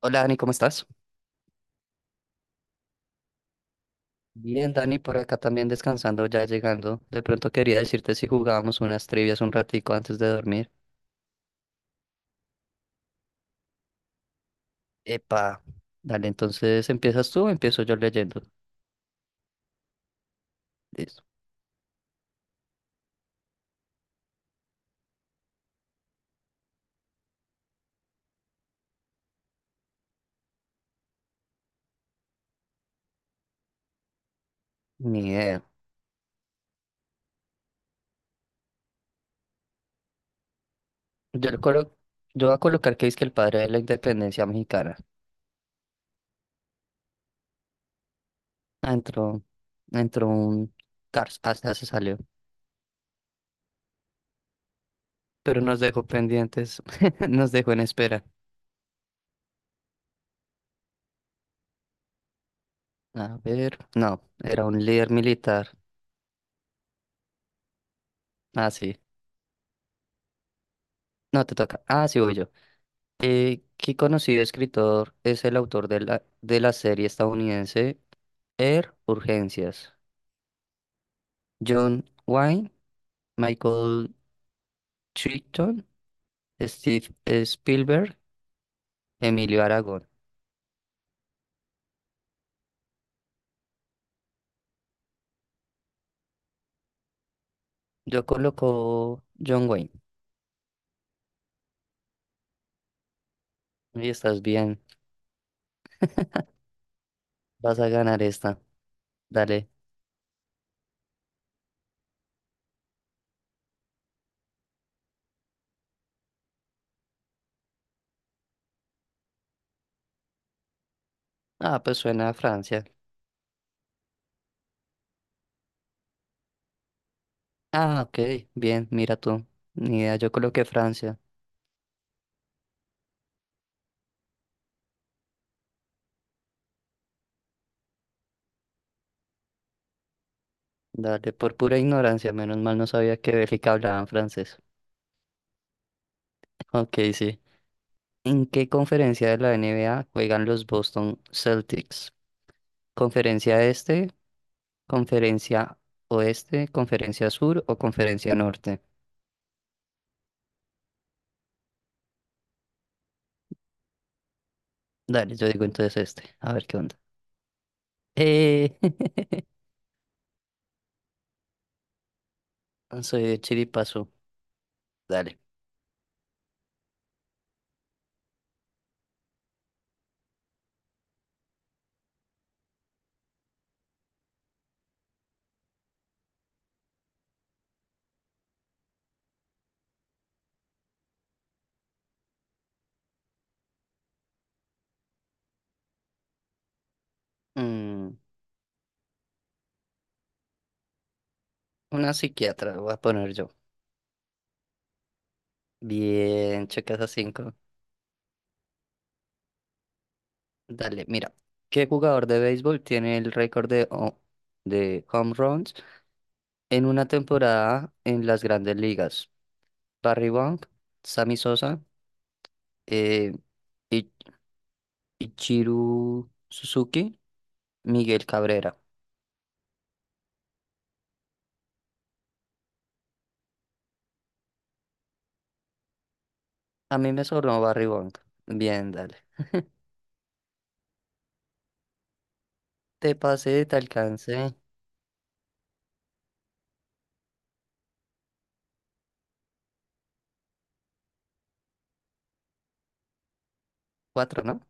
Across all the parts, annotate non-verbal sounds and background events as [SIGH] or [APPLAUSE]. Hola Dani, ¿cómo estás? Bien, Dani, por acá también descansando, ya llegando. De pronto quería decirte si jugábamos unas trivias un ratico antes de dormir. Epa, dale, entonces ¿empiezas tú o empiezo yo leyendo? Listo. Ni idea. Yo, le colo- yo voy a colocar que es que el padre de la independencia mexicana. Ah, entró un Cars, hasta se salió. Pero nos dejó pendientes, [LAUGHS] nos dejó en espera. A ver, no, era un líder militar. Ah, sí. No, te toca. Ah, sí, voy yo. ¿Qué conocido escritor es el autor de la serie estadounidense Air Urgencias? John Wayne, Michael Crichton, Steve Spielberg, Emilio Aragón. Yo coloco John Wayne. Y estás bien, vas a ganar esta. Dale. Ah, pues suena a Francia. Ah, ok, bien, mira tú. Ni idea, yo coloqué Francia. Dale, por pura ignorancia, menos mal no sabía que Bélgica hablaban francés. [LAUGHS] Ok, sí. ¿En qué conferencia de la NBA juegan los Boston Celtics? ¿Conferencia este, conferencia oeste, conferencia sur o conferencia norte? Dale, yo digo entonces este, a ver qué onda. Eh, [LAUGHS] soy de Chiripazo, dale. Mm, una psiquiatra, voy a poner yo. Bien, checas a cinco. Dale, mira. ¿Qué jugador de béisbol tiene el récord de home runs en una temporada en las grandes ligas? Barry Wong, Sammy Sosa, eh, I- Ichiru Suzuki, Miguel Cabrera. A mí me sobró Barry Wong. Bien, dale. Te pasé, te alcancé cuatro, ¿no?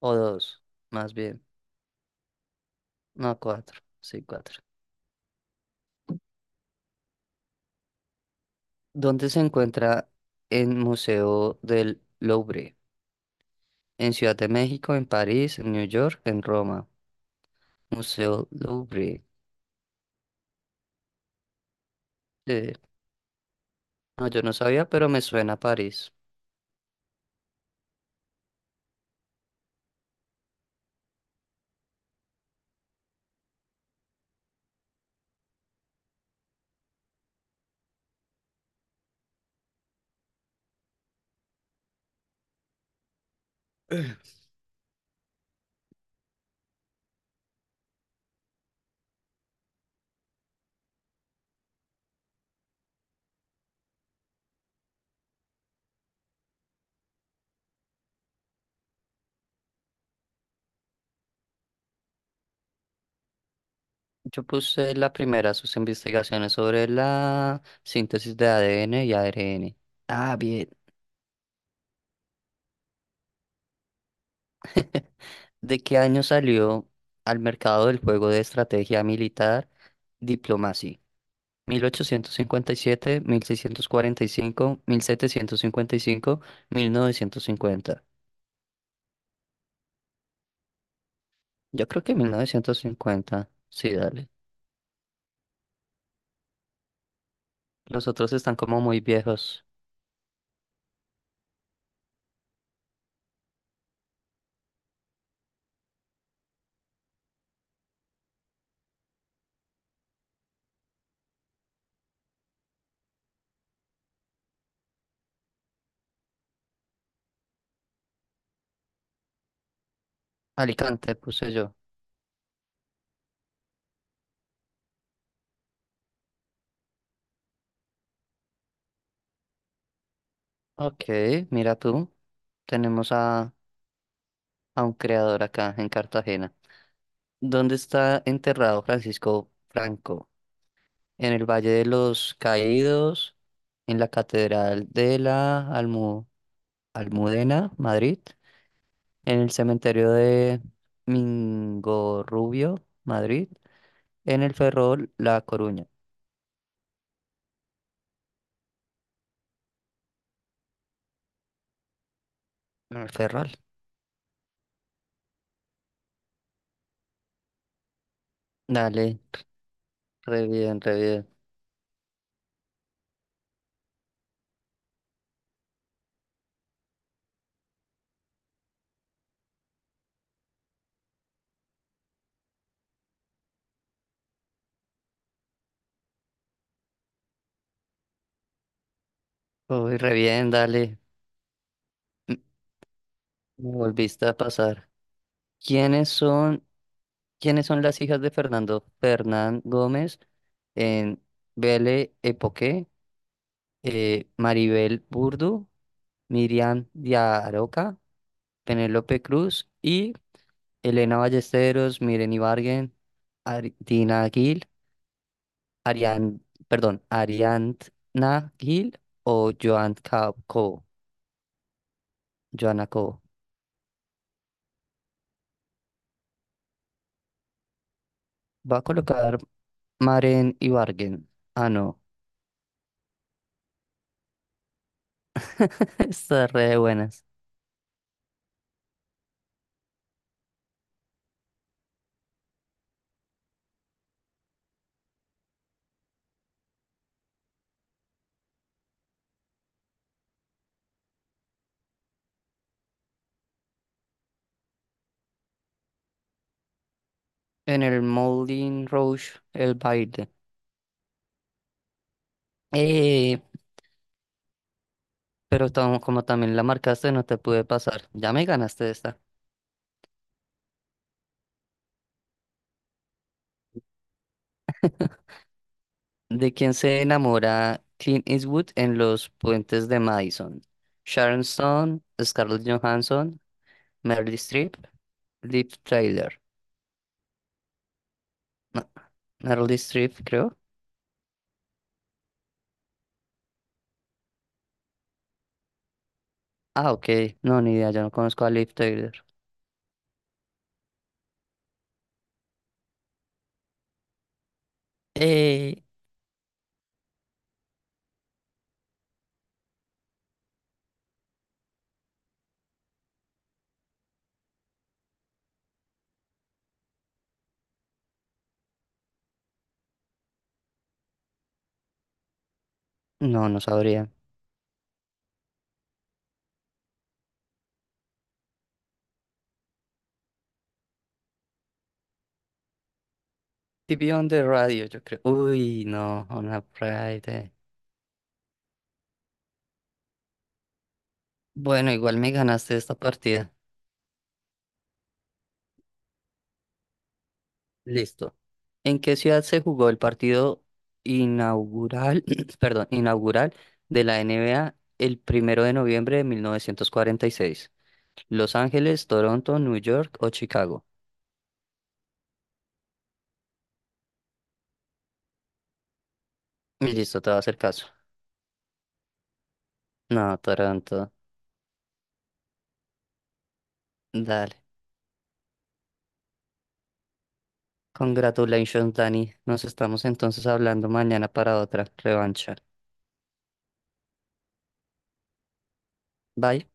O dos, más bien. No, cuatro. Sí, cuatro. ¿Dónde se encuentra el Museo del Louvre? En Ciudad de México, en París, en New York, en Roma. Museo Louvre. Eh, no, yo no sabía, pero me suena a París. Yo puse la primera, sus investigaciones sobre la síntesis de ADN y ARN. Ah, bien. [LAUGHS] ¿De qué año salió al mercado el juego de estrategia militar Diplomacy? Mil ochocientos cincuenta y siete, 1645, 1755, 1950. Yo creo que 1950. Sí, dale. Los otros están como muy viejos. Alicante, puse yo. Ok, mira tú. Tenemos a un creador acá en Cartagena. ¿Dónde está enterrado Francisco Franco? ¿En el Valle de los Caídos? ¿En la Catedral de la Almudena, Madrid? ¿En el cementerio de Mingorrubio, Madrid? ¿En el Ferrol, La Coruña? En el Ferrol. Dale, re bien, re bien. Uy, re bien, dale. M- Me volviste a pasar. ¿Quiénes son? ¿Quiénes son las hijas de Fernando Fernán Gómez en Belle Époque? Maribel Burdu, Miriam Diaroca, Penélope Cruz y Elena Ballesteros, Miren Ibargen, Ari- Dina Gil, Arián, perdón, Ariadna Gil o Joan Ca- Co, Joana Co. Va a colocar Maren Ibargen. Ah, no. [LAUGHS] Está re de buenas. En el Moulin Rouge, el baile. Eh, pero como también la marcaste, no te pude pasar. Ya me ganaste esta. ¿De quién se enamora Clint Eastwood en Los Puentes de Madison? Sharon Stone, Scarlett Johansson, Meryl Streep, Liv Tyler. No, Meryl Streep, creo. Ah, ok. No, ni idea, yo no conozco a Liv Tyler. Eh, no, no sabría. TV on the radio, yo creo. Uy, no, on a Friday. Bueno, igual me ganaste esta partida. Listo. ¿En qué ciudad se jugó el partido inaugural, [CLEARS THROAT] perdón, inaugural de la NBA el primero de noviembre de 1946? ¿Los Ángeles, Toronto, New York o Chicago? Y listo, te va a hacer caso. No, Toronto. Dale. Congratulations, Dani. Nos estamos entonces hablando mañana para otra revancha. Bye.